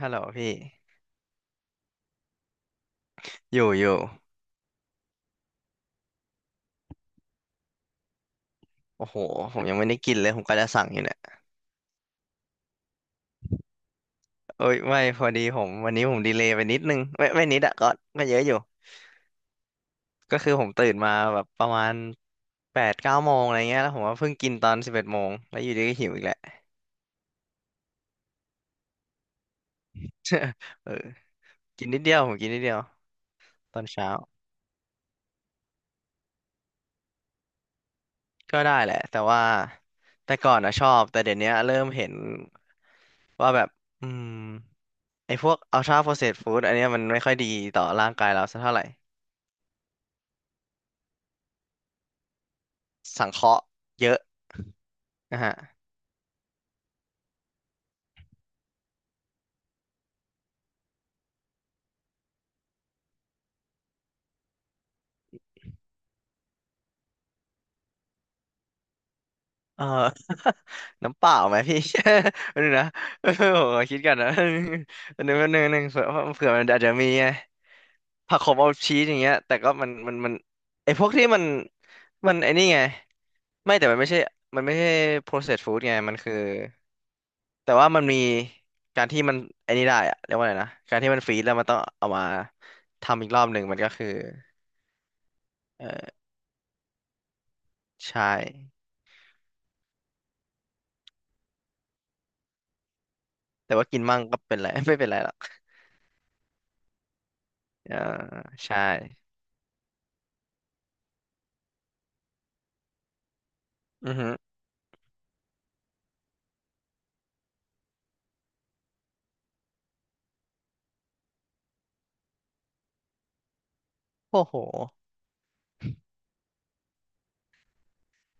ฮัลโหลพี่อยู่อยู่โอ้โหผมยังไม่ได้กินเลยผมก็จะสั่งอยู่เนี่ยเอ้ยไม่พอดีผมวันนี้ผมดีเลย์ไปนิดนึงไม่นิดอะก็เยอะอยู่ก็คือผมตื่นมาแบบประมาณแปดเก้าโมงอะไรเงี้ยแล้วผมว่าเพิ่งกินตอน11 โมงแล้วอยู่ดีก็หิวอีกแหละ เออกินนิดเดียวผมกินนิดเดียวตอนเช้าก็ได้แหละแต่ว่าแต่ก่อนอะชอบแต่เดี๋ยวนี้เริ่มเห็นว่าแบบอืมไอ้พวกอัลทราโปรเซสฟู้ดอันเนี้ยมันไม่ค่อยดีต่อร่างกายเราสักเท่าไหร่สังเคราะห์เยอะ นะฮะเออ น้ำเปล่าไหมพี่ อานนี นะเออผมขอคิดกันนะ อันนึงเผื่อเผื่อมันอาจจะมีไงผักขมเอาชีสอย่างเงี้ยแต่ก็มันไอพวกที่มันมันไอนี่ไงไม่แต่มันไม่ใช่ processed food ไงมันคือแต่ว่ามันมีการที่มันไอนี่ได้อะเรียกว่าอะไรนะการที่มันฟรีซแล้วมันต้องเอามาทำอีกรอบหนึ่งมันก็คือเออใช่แต่ว่ากินมั่งก็เป็นไร ไม่เป็นไรหรอกเออใช่อือฮึ โอ้โห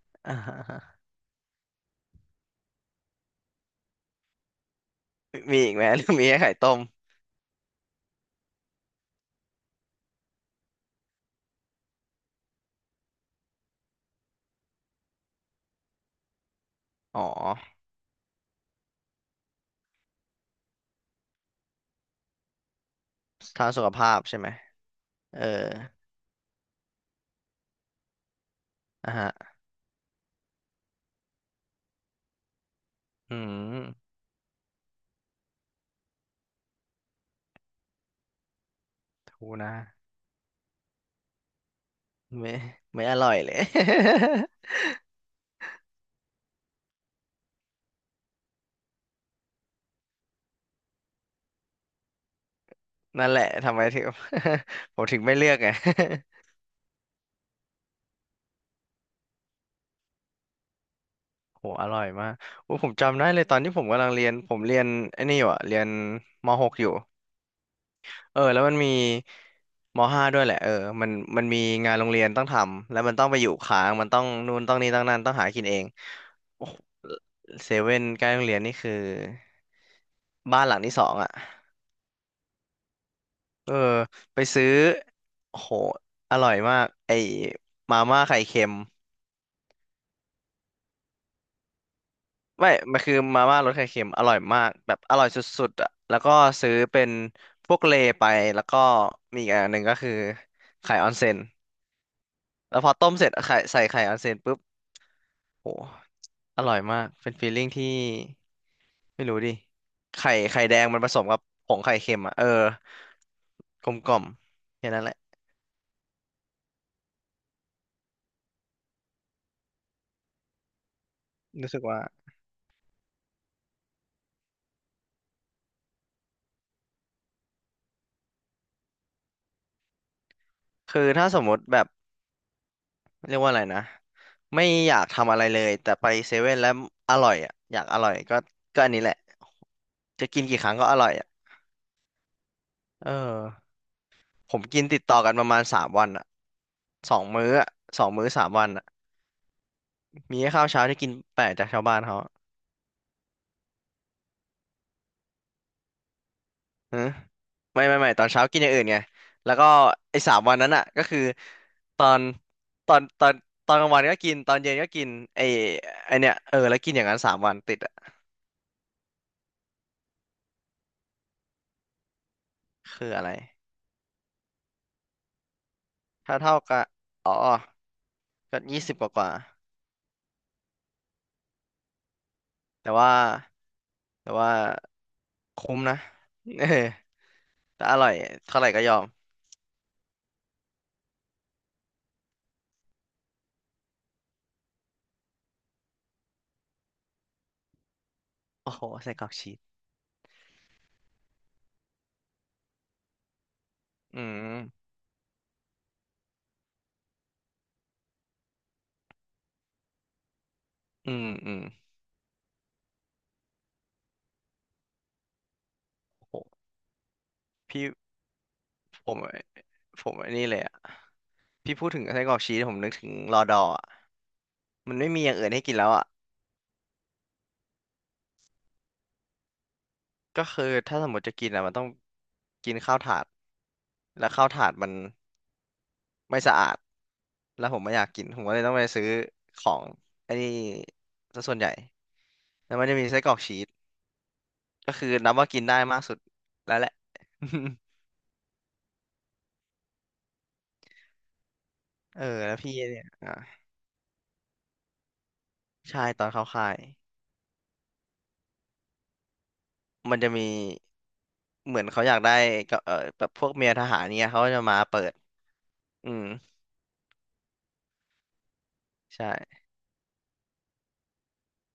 อ่าฮะฮะมีอีกไหมหรือมีแค่ไข่ต้ม อ๋อ ทางสุขภาพใช่ไหม เอออ่าฮะอืมทูนะ ไม่ ไม่อร่อยเลย นั่นแหละ ทำไมถึง ผมถึงไม่เลือกไง โหอร่อยมากโอ้ผมจำได้เลยตอนที่ผมกำลังเรียน ผมเรียนไอ้นี่อยู่อะเรียนม .6 อยู่ เออแล้วมันมีมห้าด้วยแหละเออมันมีงานโรงเรียนต้องทำแล้วมันต้องไปอยู่ค้างมันต้องนู่นต้องนี่ต้องนั่นต้องหากินเองโอ้โหเซเว่นใกล้โรงเรียนนี่คือบ้านหลังที่สองอ่ะเออไปซื้อโอ้โหอร่อยมากไอ้มาม่าไข่เค็มไม่มันคือมาม่ารสไข่เค็มอร่อยมากแบบอร่อยสุดๆอ่ะแล้วก็ซื้อเป็นพวกเลไปแล้วก็มีอีกอันหนึ่งก็คือไข่ออนเซ็น แล้วพอต้มเสร็จไข่ใส่ไข่ออนเซนปุ๊บโหอร่อยมากเป็นฟีลลิ่งที่ไม่รู้ดิไข่ไข่แดงมันผสมกับผงไข่เค็มอ่ะเออกลมกล่อมแค่นั้นแหละรู้สึกว่าคือถ้าสมมติแบบเรียกว่าอะไรนะไม่อยากทำอะไรเลยแต่ไปเซเว่นแล้วอร่อยอ่ะอยากอร่อยก็อันนี้แหละจะกินกี่ครั้งก็อร่อยอ่ะเออผมกินติดต่อกันประมาณสามวันอ่ะสองมื้ออ่ะสองมื้อสามวันอ่ะ มีแค่ข้าวเช้าที่กินแปลกจากชาวบ้านเขาฮะไม่ตอนเช้ากินอย่างอื่นไงแล้วก็ไอ้สามวันนั้นอ่ะก็คือตอนตอนตอนตอนกลางวันก็กินตอนเย็นก็กินไอ้ไอเนี่ยเออแล้วกินอย่างนั้นสามวันติดอ่ะคืออะไรถ้าเท่ากับอ๋อก็20กว่าแต่ว่าแต่ว่าคุ้มนะ เออแต่อร่อยเท่าไหร่ก็ยอมโอ้โหใส่กรอกชีสอืมอืมโหพี่ผมผมไอ้นี่เลยอ่ะ พี่พูดถึงไส้กรอกชีสผมนึกถึงรอดอร์อ่ะมันไม่มีอย่างอื่นให้กินแล้วอ่ะ ก็คือถ้าสมมติจะกินอ่ะมันต้องกินข้าวถาด แล้วข้าวถาดมันไม่สะอาดแล้วผมไม่อยากกินผมก็เลยต้องไปซื้อของไอ้นี่ซะส่วนใหญ่แล้วมันจะมีไส้กรอกชีสก็คือนับว่ากินได้มากสุดแล้วแหละ เออแล้วพี่เนี่ยอ่าใช่ตอนเข้าค่ายมันจะมีเหมือนเขาอยากได้กับเออแบบพวกเมียทหารเนี่ยเขาก็จะมาเปิดอืมใช่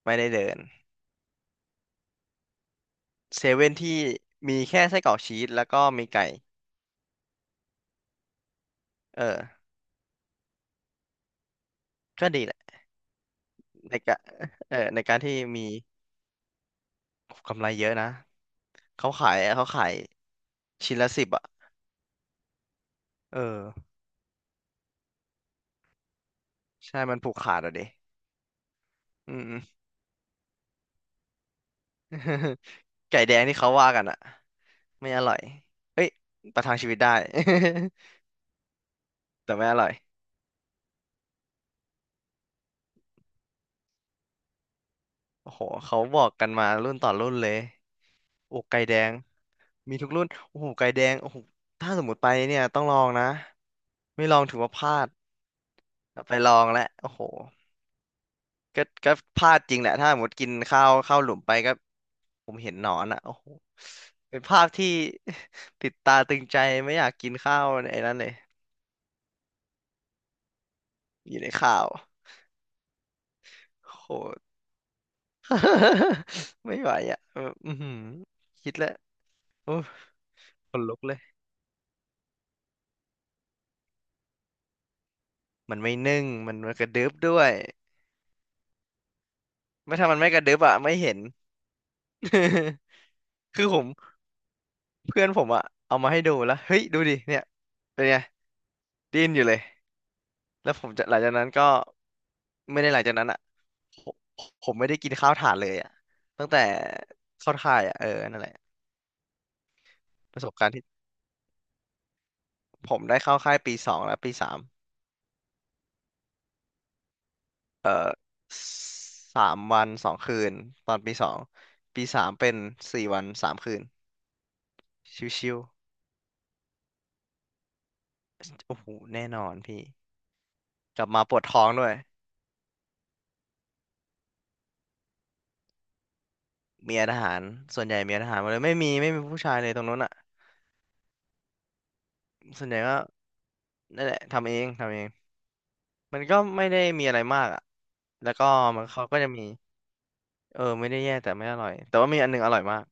ไม่ได้เดินเซเว่นที่มีแค่ไส้กรอกชีสแล้วก็มีไก่เออก็ดีแหละในการเออในการที่มีกำไรเยอะนะเขาขายชิ้นละ 10อ่ะเออใช่มันผูกขาดอ่ะดิอืม ไก่แดงที่เขาว่ากันอ่ะไม่อร่อยเอ้ยประทังชีวิตได้ แต่ไม่อร่อยโอ้โหเขาบอกกันมารุ่นต่อรุ่นเลยอกไก่แดง มีทุกรุ่นโอ้โหไก่แดงโอ้โหถ้าสมมติไปเนี่ยต้องลองนะไม่ลองถือว่าพลาดไปลองแล้วโอ้โหก็พลาดจริงแหละถ้าสมมติกินข้าวหลุมไปก็ผมเห็นหนอนอ่ะโอ้โหเป็นภาพที่ ติดตาตึงใจไม่อยากกินข้าวในไอ้นั้นเลยอยู่ในข้าวโอ้โห ไม่ไหวอ่ะเอออือหือคิดแล้วโอ้ยขนลุกเลยมันไม่นึ่งมันมันกระดึบด้วยไม่ถ้ามันไม่กระดึบอ่ะไม่เห็น คือผมเพื่อนผมอะเอามาให้ดูแล้วเฮ้ยดูดิเนี่ยเป็นไงดิ้นอยู่เลยแล้วผมจะหลังจากนั้นก็ไม่ได้หลังจากนั้นอะผมผมไม่ได้กินข้าวถ่านเลยอะตั้งแต่เข้าค่ายอะเออนั่นแหละประสบการณ์ที่ผมได้เข้าค่ายปีสองและปีสามเออ3 วัน 2 คืนตอนปีสองปีสามเป็น4 วัน 3 คืนชิวๆโอ้โหแน่นอนพี่กลับมาปวดท้องด้วย เมียทหารส่วนใหญ่เมียทหารหมดเลยไม่มีผู้ชายเลยตรงนู้นอ่ะส่วนใหญ่ก็นั่นแหละทำเองมันก็ไม่ได้มีอะไรมากอ่ะแล้วก็มันเขาก็จะมีเออไม่ได้แย่แต่ไม่อร่อยแต่ว่ามีอันหนึงอร่อยมาก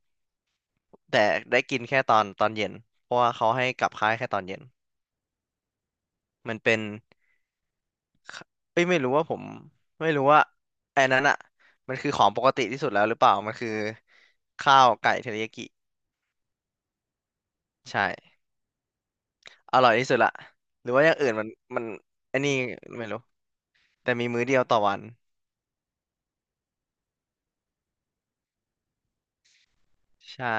แต่ได้กินแค่ตอนเย็นเพราะว่าเขาให้กลับค่ายแค่ตอนเย็นมันเป็นขเอ้ยไม่รู้ว่าไอ้นั้นอ่ะมันคือของปกติที่สุดแล้วหรือเปล่ามันคือข้าวไก่เทริยากิใช่อร่อยที่สุดละหรือว่าอย่างอื่นมันมันไอ้นี่ไม่รู้ แต่มีมื้อเดียวต่อวันใช่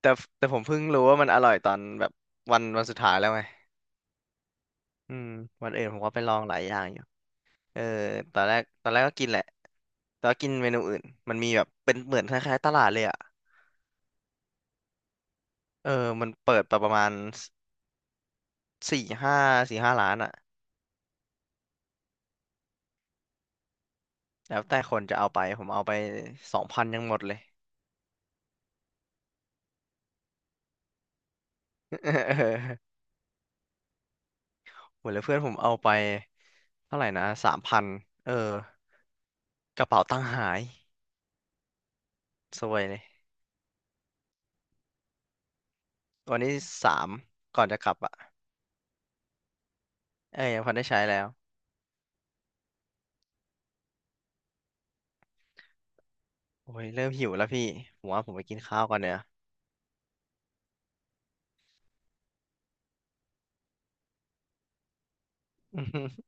แต่แต่ผมเพิ่งรู้ว่ามันอร่อยตอนแบบวันสุดท้ายแล้วไงอืมวันอื่นผมก็ไปลองหลายอย่างอยู่เออตอนแรกก็กินแหละแต่ว่ากินเมนูอื่นมันมีแบบเป็นเหมือนคล้ายๆตลาดเลยอ่ะเออมันเปิดประมาณสี่ห้าสี่ห้าร้านอ่ะแล้วแต่คนจะเอาไปผมเอาไป2,000ยังหมดเลย เออหมดเลยเพื่อนผมเอาไปเท่าไหร่นะ3,000เออกระเป๋าตังค์หายซวยเลย วันที่สามก่อนจะกลับอ่ะเอ้ยยังพอได้ใช้แล้วโอ้ยเริ่มหิวแล้วพี่ผมว่าผมไปกินข้าวก่อนเนี่ย